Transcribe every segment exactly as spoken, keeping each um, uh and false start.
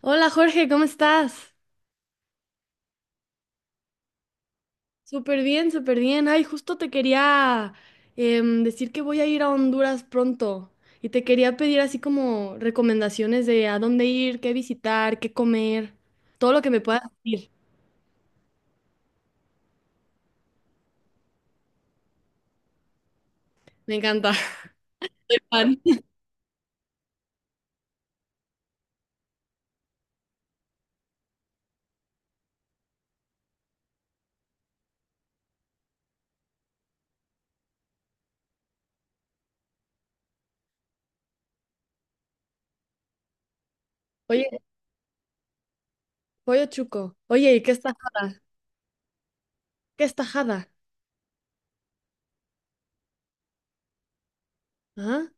Hola Jorge, ¿cómo estás? Súper bien, súper bien. Ay, justo te quería em, decir que voy a ir a Honduras pronto y te quería pedir así como recomendaciones de a dónde ir, qué visitar, qué comer, todo lo que me puedas decir. Me encanta. Soy fan. Oye, pollo chuco. Oye, ¿y qué es tajada? ¿Qué es tajada? Ajá.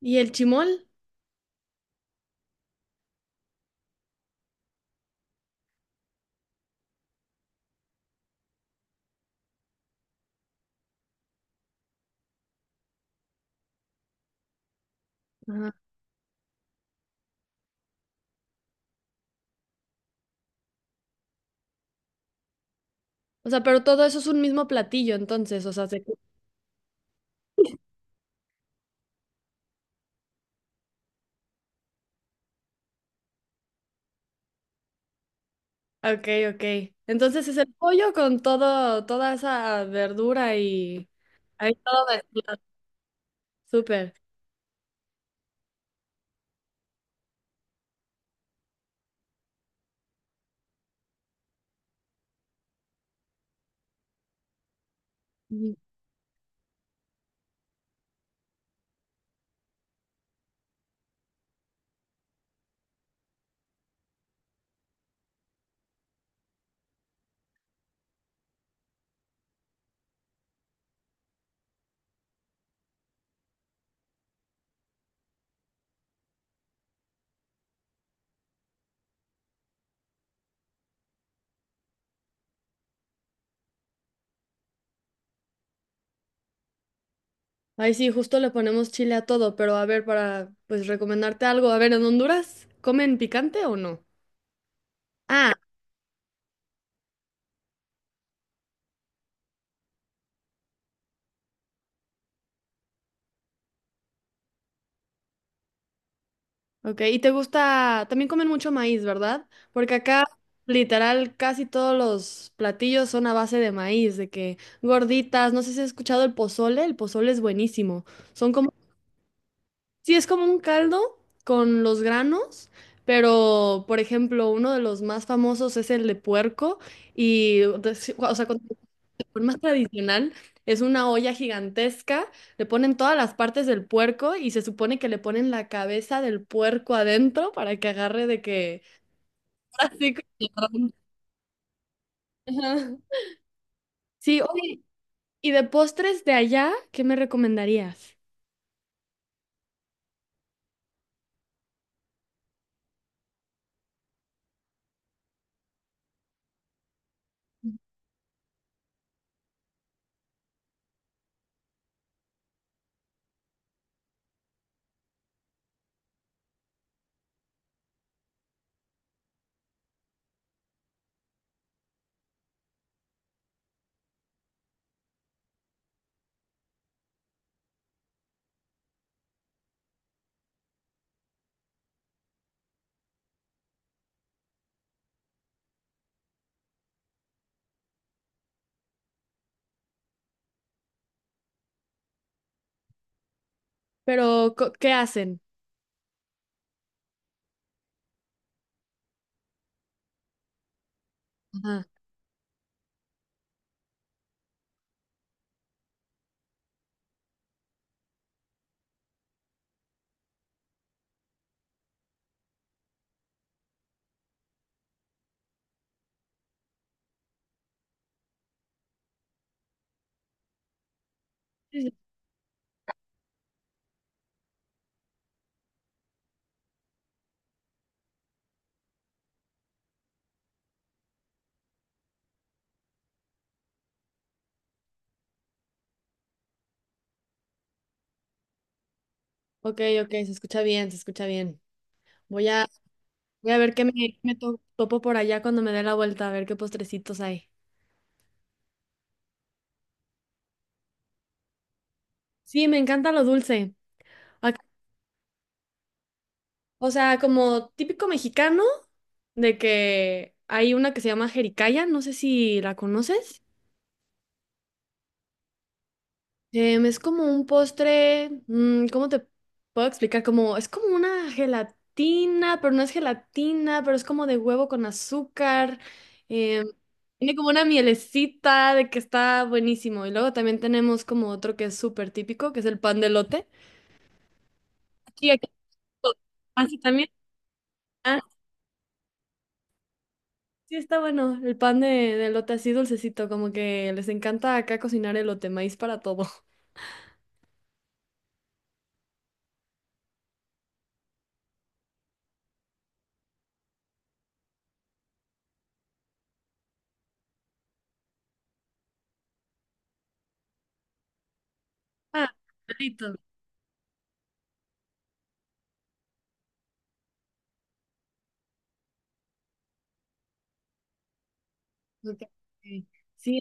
¿Y el chimol? Ajá. O sea, pero todo eso es un mismo platillo, entonces, o sea, se... Ok, ok. Entonces es el pollo con todo, toda esa verdura y ahí todo mezclado. Súper. Ujú. Ay, sí, justo le ponemos chile a todo, pero a ver, para pues recomendarte algo. A ver, ¿en Honduras comen picante o no? Ah, ok. Y te gusta, también comen mucho maíz, ¿verdad? Porque acá, literal, casi todos los platillos son a base de maíz, de que gorditas, no sé si has escuchado el pozole, el pozole es buenísimo. Son como sí, es como un caldo con los granos, pero por ejemplo, uno de los más famosos es el de puerco y, de- sí, o sea, con con más tradicional es una olla gigantesca, le ponen todas las partes del puerco y se supone que le ponen la cabeza del puerco adentro para que agarre de que así como- Ajá. Sí, oye, y de postres de allá, ¿qué me recomendarías? Pero, co- ¿qué hacen? Ajá. Sí, sí. Ok, ok, se escucha bien, se escucha bien. Voy a Voy a ver qué me, qué me to- topo por allá cuando me dé la vuelta, a ver qué postrecitos hay. Sí, me encanta lo dulce. Ac- o sea, como típico mexicano, de que hay una que se llama jericaya, no sé si la conoces. Em, es como un postre, mm, ¿cómo te puedo explicar? Como, es como una gelatina, pero no es gelatina, pero es como de huevo con azúcar. em, Tiene como una mielecita de que está buenísimo. Y luego también tenemos como otro que es súper típico, que es el pan de lote. Sí, aquí. Así también. Ah, sí, está bueno. El pan de, de elote así dulcecito, como que les encanta acá cocinar elote, maíz para todo. Ah, palitos. Ok. Sí.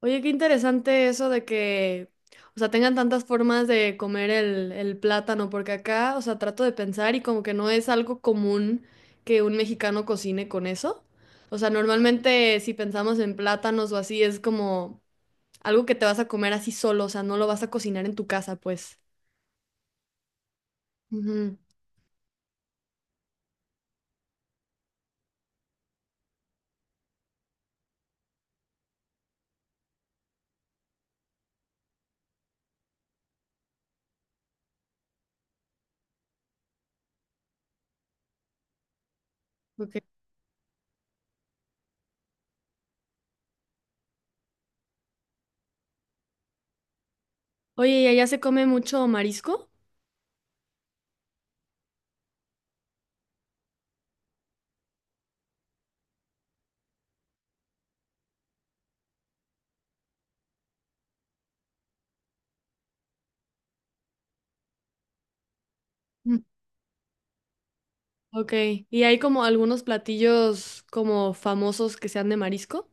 Oye, qué interesante eso de que, o sea, tengan tantas formas de comer el, el plátano, porque acá, o sea, trato de pensar y como que no es algo común que un mexicano cocine con eso. O sea, normalmente si pensamos en plátanos o así, es como algo que te vas a comer así solo, o sea, no lo vas a cocinar en tu casa, pues. Ujú, ok. Oye, ¿y allá se come mucho marisco? Mm. Ok. ¿Y hay como algunos platillos como famosos que sean de marisco?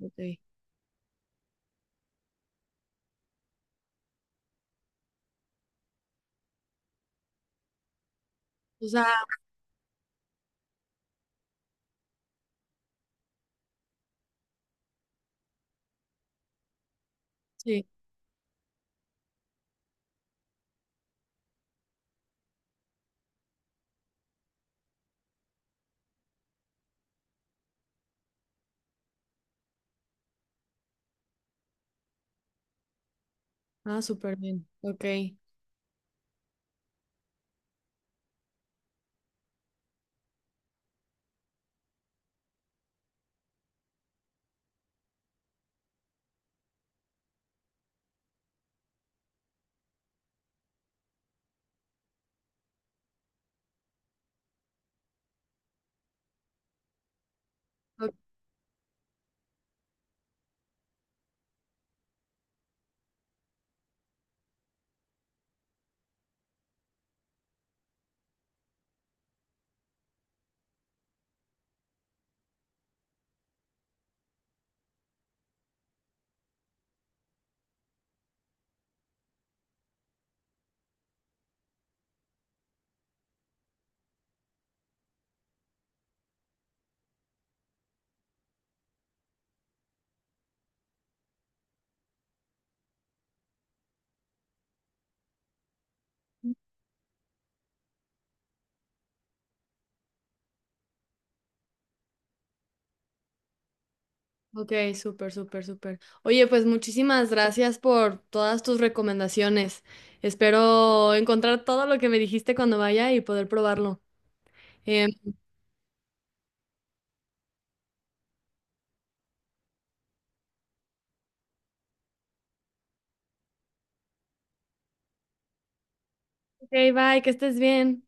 Ok. O sea, sí. Ah, súper bien. Ok. O- Ok, súper, súper, súper. Oye, pues muchísimas gracias por todas tus recomendaciones. Espero encontrar todo lo que me dijiste cuando vaya y poder probarlo. Em, ok, bye, que estés bien.